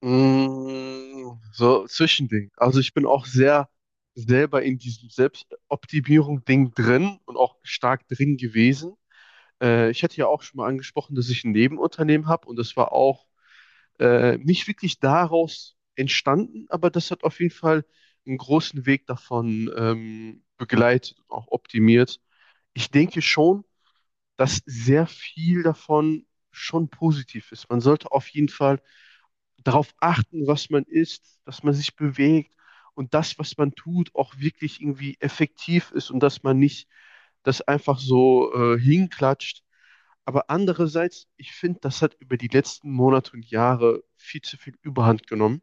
Mm, so, Zwischending. Also ich bin auch sehr selber in diesem Selbstoptimierung-Ding drin und auch stark drin gewesen. Ich hatte ja auch schon mal angesprochen, dass ich ein Nebenunternehmen habe, und das war auch nicht wirklich daraus entstanden, aber das hat auf jeden Fall einen großen Weg davon begleitet und auch optimiert. Ich denke schon, dass sehr viel davon schon positiv ist. Man sollte auf jeden Fall darauf achten, was man isst, dass man sich bewegt, und das, was man tut, auch wirklich irgendwie effektiv ist und dass man nicht das einfach so hinklatscht. Aber andererseits, ich finde, das hat über die letzten Monate und Jahre viel zu viel Überhand genommen.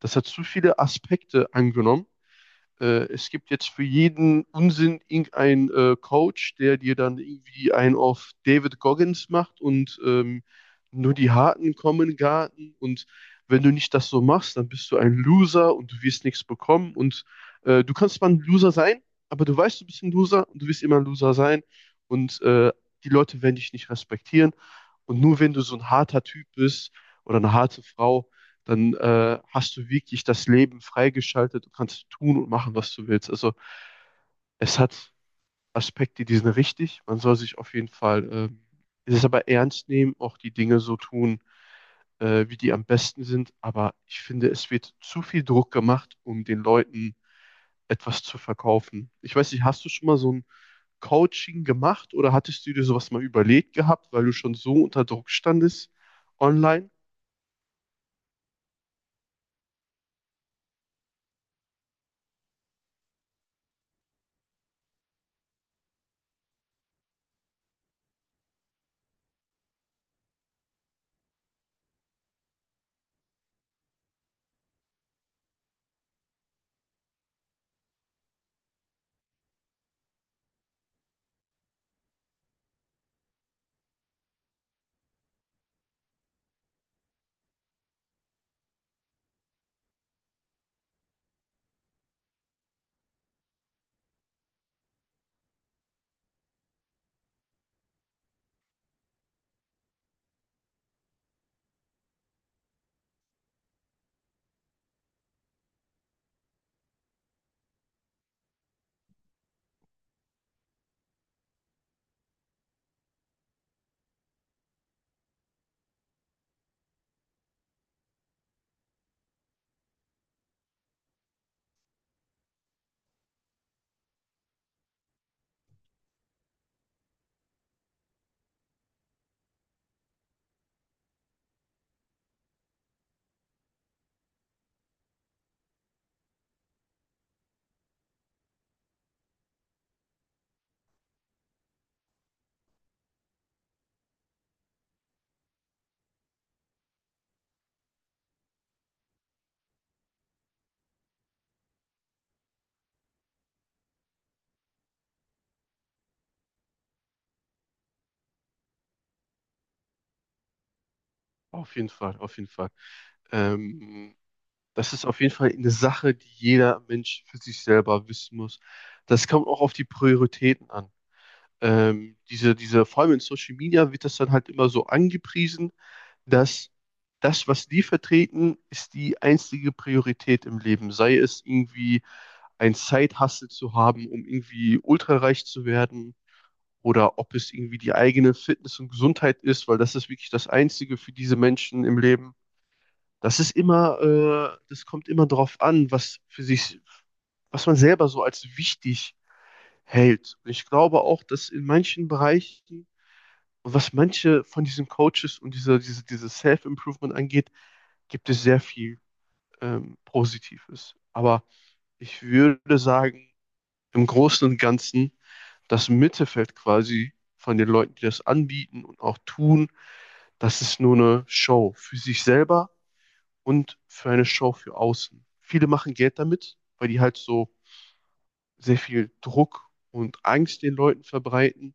Das hat zu viele Aspekte angenommen. Es gibt jetzt für jeden Unsinn irgendeinen Coach, der dir dann irgendwie einen auf David Goggins macht, und nur die Harten kommen in den Garten. Und wenn du nicht das so machst, dann bist du ein Loser und du wirst nichts bekommen, und du kannst mal ein Loser sein, aber du weißt, du bist ein Loser und du wirst immer ein Loser sein, und die Leute werden dich nicht respektieren, und nur wenn du so ein harter Typ bist oder eine harte Frau, dann hast du wirklich das Leben freigeschaltet. Du kannst tun und machen, was du willst. Also es hat Aspekte, die sind richtig. Man soll sich auf jeden Fall es aber ernst nehmen, auch die Dinge so tun, wie die am besten sind. Aber ich finde, es wird zu viel Druck gemacht, um den Leuten etwas zu verkaufen. Ich weiß nicht, hast du schon mal so ein Coaching gemacht oder hattest du dir sowas mal überlegt gehabt, weil du schon so unter Druck standest online? Auf jeden Fall, auf jeden Fall. Ähm, Das ist auf jeden Fall eine Sache, die jeder Mensch für sich selber wissen muss. Das kommt auch auf die Prioritäten an. Vor allem in Social Media wird das dann halt immer so angepriesen, dass das, was die vertreten, ist die einzige Priorität im Leben. Sei es irgendwie ein Side-Hustle zu haben, um irgendwie ultrareich zu werden, oder ob es irgendwie die eigene Fitness und Gesundheit ist, weil das ist wirklich das Einzige für diese Menschen im Leben. Das ist immer, das kommt immer darauf an, was für sich, was man selber so als wichtig hält. Und ich glaube auch, dass in manchen Bereichen, und was manche von diesen Coaches und dieses Self-Improvement angeht, gibt es sehr viel Positives. Aber ich würde sagen, im Großen und Ganzen, das Mittelfeld quasi von den Leuten, die das anbieten und auch tun, das ist nur eine Show für sich selber und für eine Show für außen. Viele machen Geld damit, weil die halt so sehr viel Druck und Angst den Leuten verbreiten,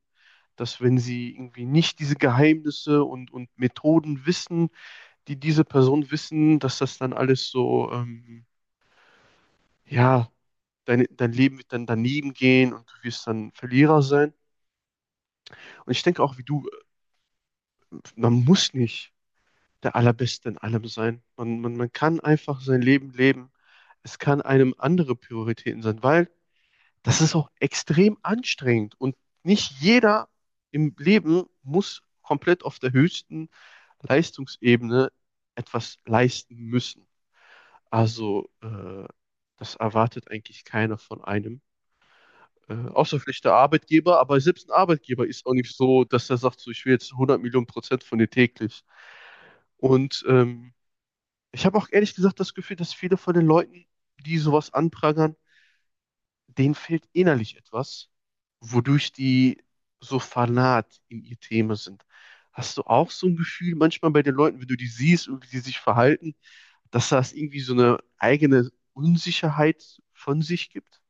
dass wenn sie irgendwie nicht diese Geheimnisse und Methoden wissen, die diese Person wissen, dass das dann alles so, ja, dein, dein Leben wird dann daneben gehen und du wirst dann Verlierer sein. Und ich denke auch wie du, man muss nicht der Allerbeste in allem sein. Man kann einfach sein Leben leben. Es kann einem andere Prioritäten sein, weil das ist auch extrem anstrengend, und nicht jeder im Leben muss komplett auf der höchsten Leistungsebene etwas leisten müssen. Also das erwartet eigentlich keiner von einem. Außer vielleicht der Arbeitgeber, aber selbst ein Arbeitgeber ist auch nicht so, dass er sagt, so, ich will jetzt 100 Millionen Prozent von dir täglich. Und ich habe auch ehrlich gesagt das Gefühl, dass viele von den Leuten, die sowas anprangern, denen fehlt innerlich etwas, wodurch die so fanat in ihr Thema sind. Hast du auch so ein Gefühl manchmal bei den Leuten, wenn du die siehst und wie die sich verhalten, dass das irgendwie so eine eigene Unsicherheit von sich gibt?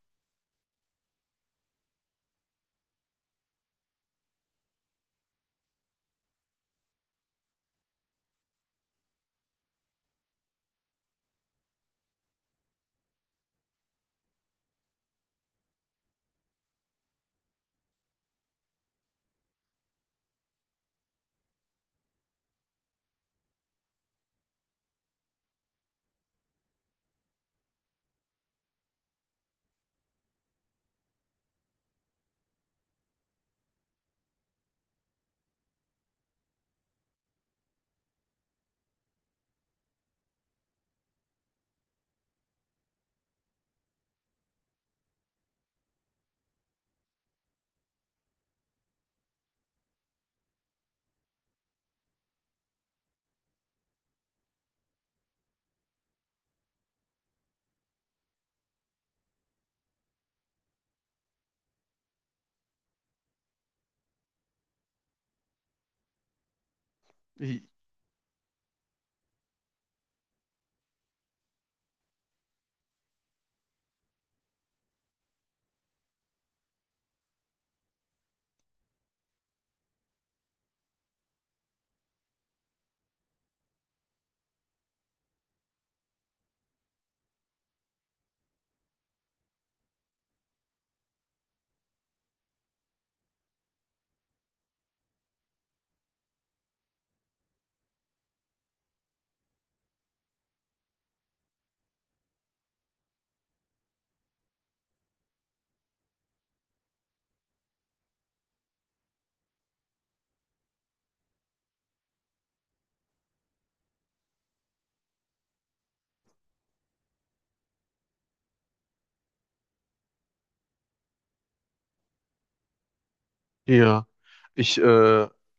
Ja, ich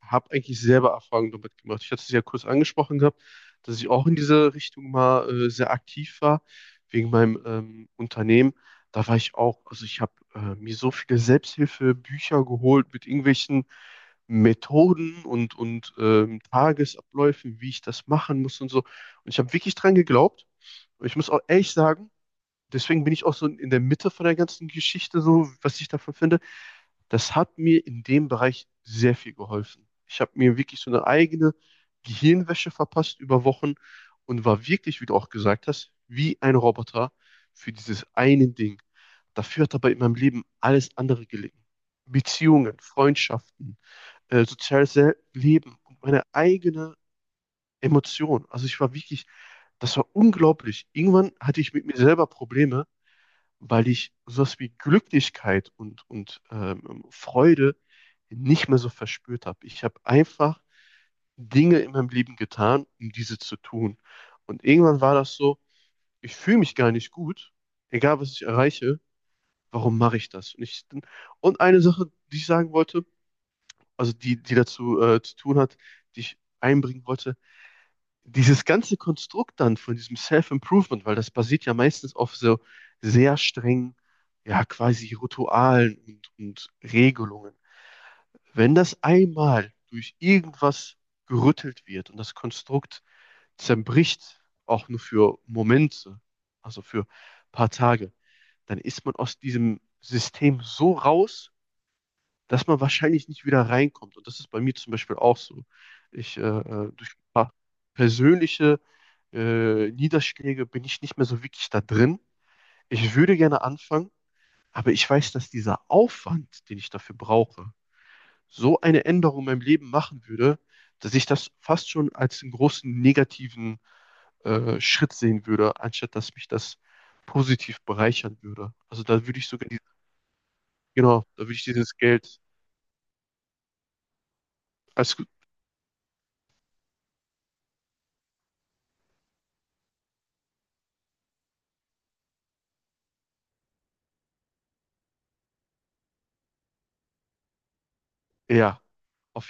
habe eigentlich selber Erfahrungen damit gemacht. Ich hatte es ja kurz angesprochen gehabt, dass ich auch in diese Richtung mal sehr aktiv war, wegen meinem Unternehmen. Da war ich auch, also ich habe mir so viele Selbsthilfebücher geholt mit irgendwelchen Methoden und Tagesabläufen, wie ich das machen muss und so. Und ich habe wirklich dran geglaubt. Und ich muss auch ehrlich sagen, deswegen bin ich auch so in der Mitte von der ganzen Geschichte, so was ich davon finde. Das hat mir in dem Bereich sehr viel geholfen. Ich habe mir wirklich so eine eigene Gehirnwäsche verpasst über Wochen und war wirklich, wie du auch gesagt hast, wie ein Roboter für dieses eine Ding. Dafür hat aber in meinem Leben alles andere gelegen. Beziehungen, Freundschaften, soziales Leben und meine eigene Emotion. Also ich war wirklich, das war unglaublich. Irgendwann hatte ich mit mir selber Probleme, weil ich sowas wie Glücklichkeit und Freude nicht mehr so verspürt habe. Ich habe einfach Dinge in meinem Leben getan, um diese zu tun. Und irgendwann war das so, ich fühle mich gar nicht gut, egal was ich erreiche, warum mache ich das? Und eine Sache, die ich sagen wollte, also die, die dazu zu tun hat, die ich einbringen wollte, dieses ganze Konstrukt dann von diesem Self-Improvement, weil das basiert ja meistens auf so sehr strengen, ja, quasi Ritualen und Regelungen. Wenn das einmal durch irgendwas gerüttelt wird und das Konstrukt zerbricht, auch nur für Momente, also für ein paar Tage, dann ist man aus diesem System so raus, dass man wahrscheinlich nicht wieder reinkommt. Und das ist bei mir zum Beispiel auch so. Ich, durch ein paar persönliche Niederschläge bin ich nicht mehr so wirklich da drin. Ich würde gerne anfangen, aber ich weiß, dass dieser Aufwand, den ich dafür brauche, so eine Änderung in meinem Leben machen würde, dass ich das fast schon als einen großen negativen Schritt sehen würde, anstatt dass mich das positiv bereichern würde. Also da würde ich sogar, die, genau, da würde ich dieses Geld als, ja, auf